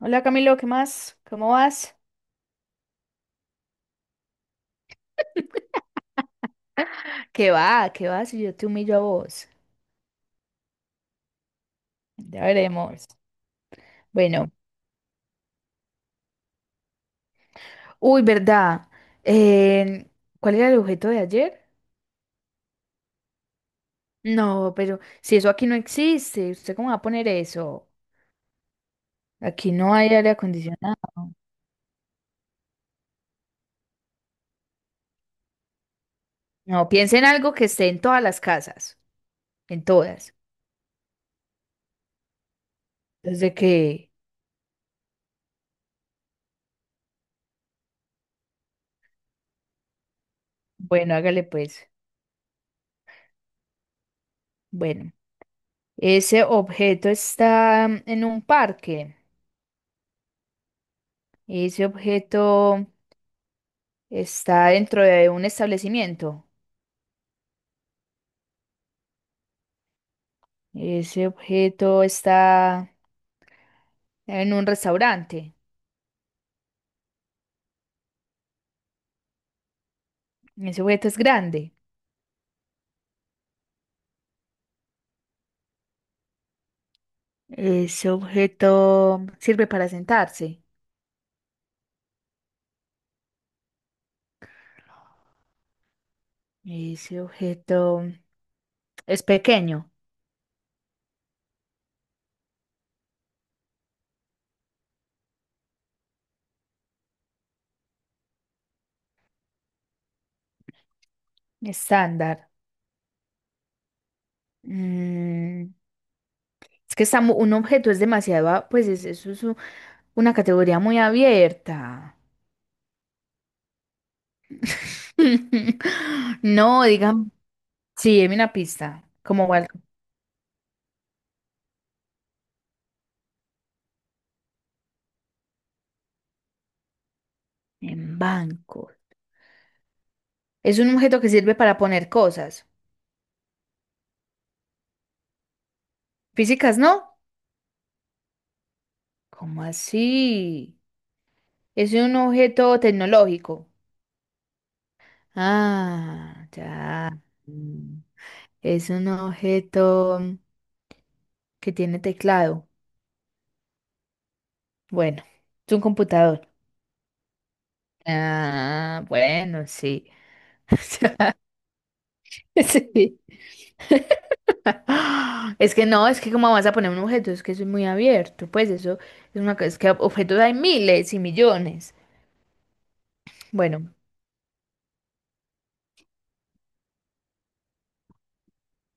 Hola Camilo, ¿qué más? ¿Cómo vas? ¿Qué va? ¿Qué vas? Si yo te humillo a vos. Ya veremos. Bueno, uy, ¿verdad? Eh, ¿Cuál era el objeto de ayer? No, pero si eso aquí no existe, ¿usted cómo va a poner eso? Aquí no hay aire acondicionado. No, piense en algo que esté en todas las casas, en todas. Desde que, bueno, hágale pues. Bueno, ese objeto está en un parque. Ese objeto Está dentro de un establecimiento. Ese objeto está en un restaurante. Ese objeto es grande. Ese objeto sirve para sentarse. Ese objeto es pequeño, estándar. Mm, es que está un objeto es demasiado, pues es, una categoría muy abierta. No, digan, sí, deme una pista. ¿Como cuál? En banco. Es un objeto que sirve para poner cosas. Físicas, ¿no? ¿Cómo así? Es un objeto tecnológico. Ah, ya. Mm. Es un objeto que tiene teclado. Bueno, es un computador. Ah, bueno, sí. Sí. Es que no, es que cómo vas a poner un objeto, es que eso es muy abierto, pues eso es una cosa, es que objetos hay miles y millones. Bueno,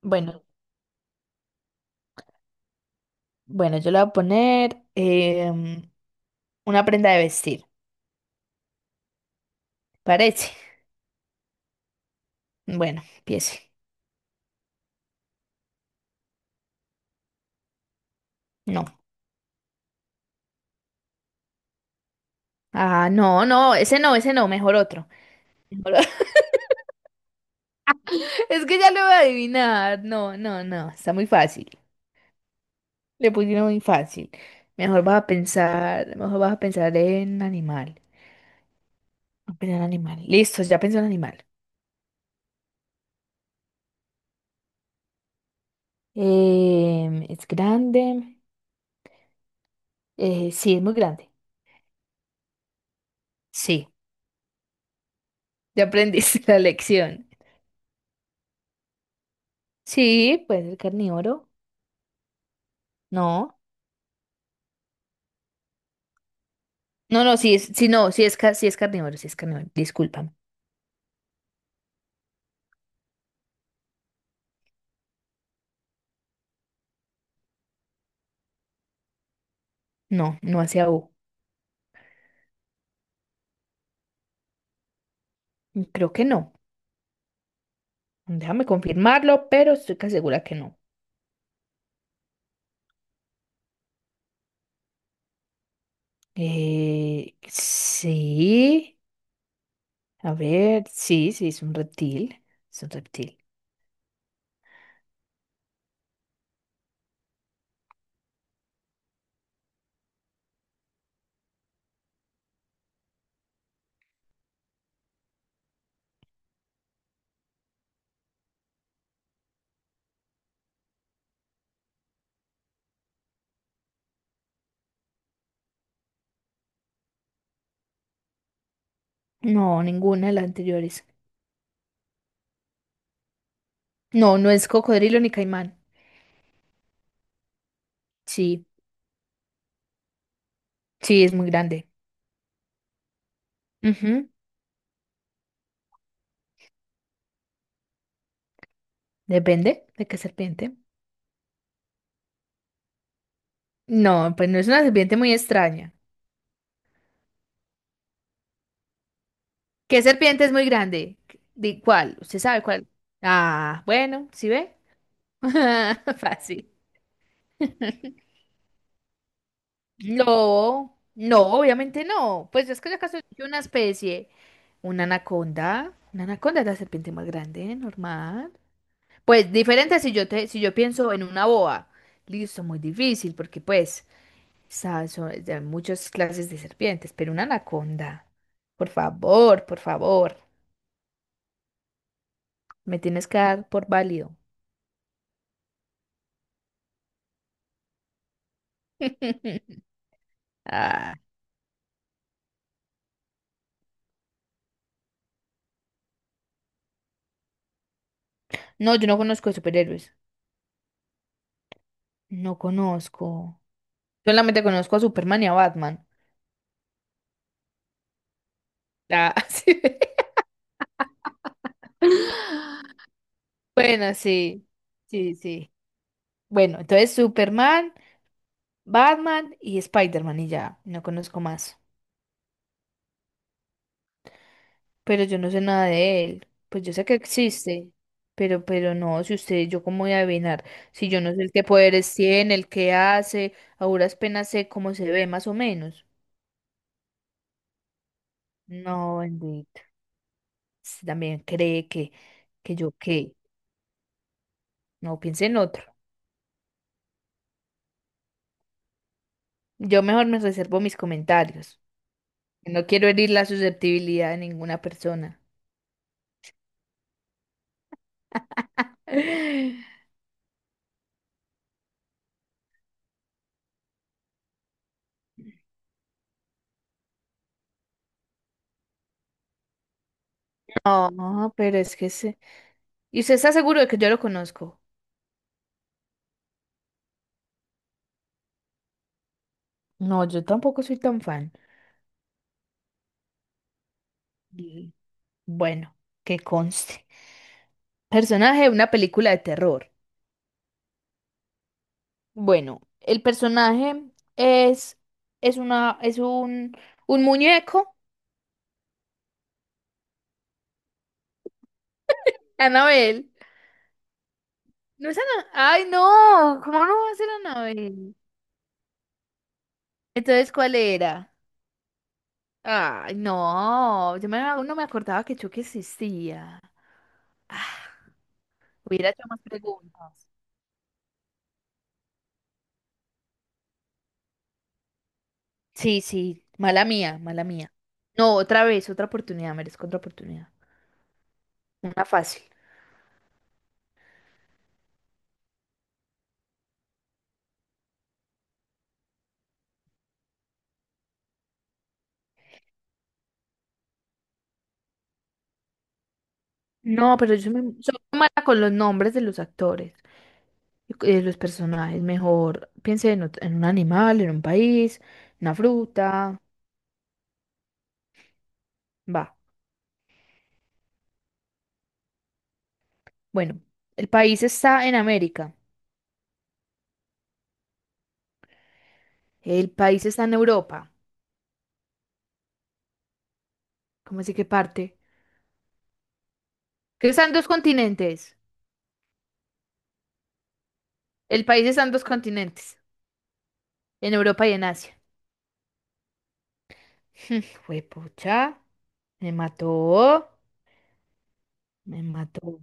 bueno. Bueno, yo le voy a poner una prenda de vestir. Parece. Bueno, empiece. No. Ah, no, no, ese no, ese no, mejor otro. Mejor o- Es que ya lo voy a adivinar. No, no, no, está muy fácil. Le pusieron muy fácil. Mejor vas a pensar, mejor vas a pensar en animal. Vas a pensar en animal. Listo, ya pensó en animal. Es grande. Sí, es muy grande. Sí, ya aprendiste la lección. Sí, puede ser carnívoro. No. No, no, sí, es, sí, no, sí es, sí es carnívoro, discúlpame. No, no hacia U. Creo que no. Déjame confirmarlo, pero estoy casi segura que no. Sí, a ver, sí, sí, es un reptil, es un reptil. No, ninguna de las anteriores. No, no es cocodrilo ni caimán. Sí, sí, es muy grande. Ujú. Depende de qué serpiente. No, pues no es una serpiente muy extraña. ¿Qué serpiente es muy grande? ¿De cuál? ¿Usted sabe cuál? Ah, bueno, ¿sí ve? Fácil. No, no, obviamente no. Pues es que acaso es una especie, una anaconda es la serpiente más grande, normal. Pues diferente si yo te, si yo pienso en una boa. Listo, muy difícil, porque pues, sabes, hay muchas clases de serpientes, pero una anaconda. Por favor, me tienes que dar por válido. Ah. No, yo no conozco de superhéroes. No conozco. Solamente conozco a Superman y a Batman. Ah, sí. Bueno, sí. Sí, sí. Bueno, entonces Superman, Batman y Spider-Man y ya. No conozco más. Pero yo no sé nada de él. Pues yo sé que existe. Pero no, si usted, yo cómo voy a adivinar. Si yo no sé el qué poderes tiene, el qué hace, a duras penas sé cómo se ve más o menos. No, bendito. Usted también cree que yo qué. No, piense en otro. Yo mejor me reservo mis comentarios. No quiero herir la susceptibilidad de ninguna persona. No, pero es que se... ¿Y usted está seguro de que yo lo conozco? No, yo tampoco soy tan fan. Y bueno, que conste. Personaje de una película de terror. Bueno, el personaje es es un muñeco, Anabel. No es Ana, ay no, ¿cómo no va a ser Anabel? Entonces, ¿cuál era? Ay, no, no me acordaba que Chucky existía. Ah, hubiera hecho más preguntas. Sí, sí, mala mía, mala mía. No, otra vez, otra oportunidad, merezco otra oportunidad. Una fácil. No, pero yo soy, soy muy mala con los nombres de los actores, y de los personajes. Mejor piense en un animal, en un país, una fruta. Va. Bueno, el país está en América. El país está en Europa. ¿Cómo así que parte? Que están dos continentes. El país está en dos continentes, en Europa y en Asia. pucha, me mató, me mató.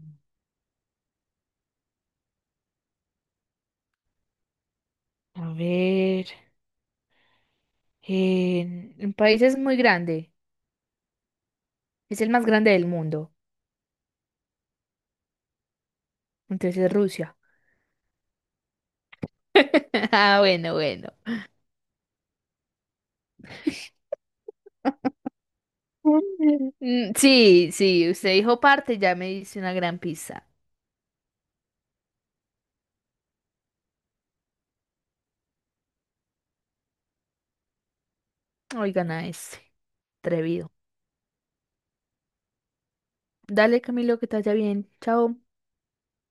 A ver, el país es muy grande, es el más grande del mundo, entonces es Rusia. Ah, bueno, bueno. Mm, sí, sí, usted dijo parte, ya me hice una gran pizza. Oigan a ese, atrevido. Dale, Camilo, que te vaya bien. Chao.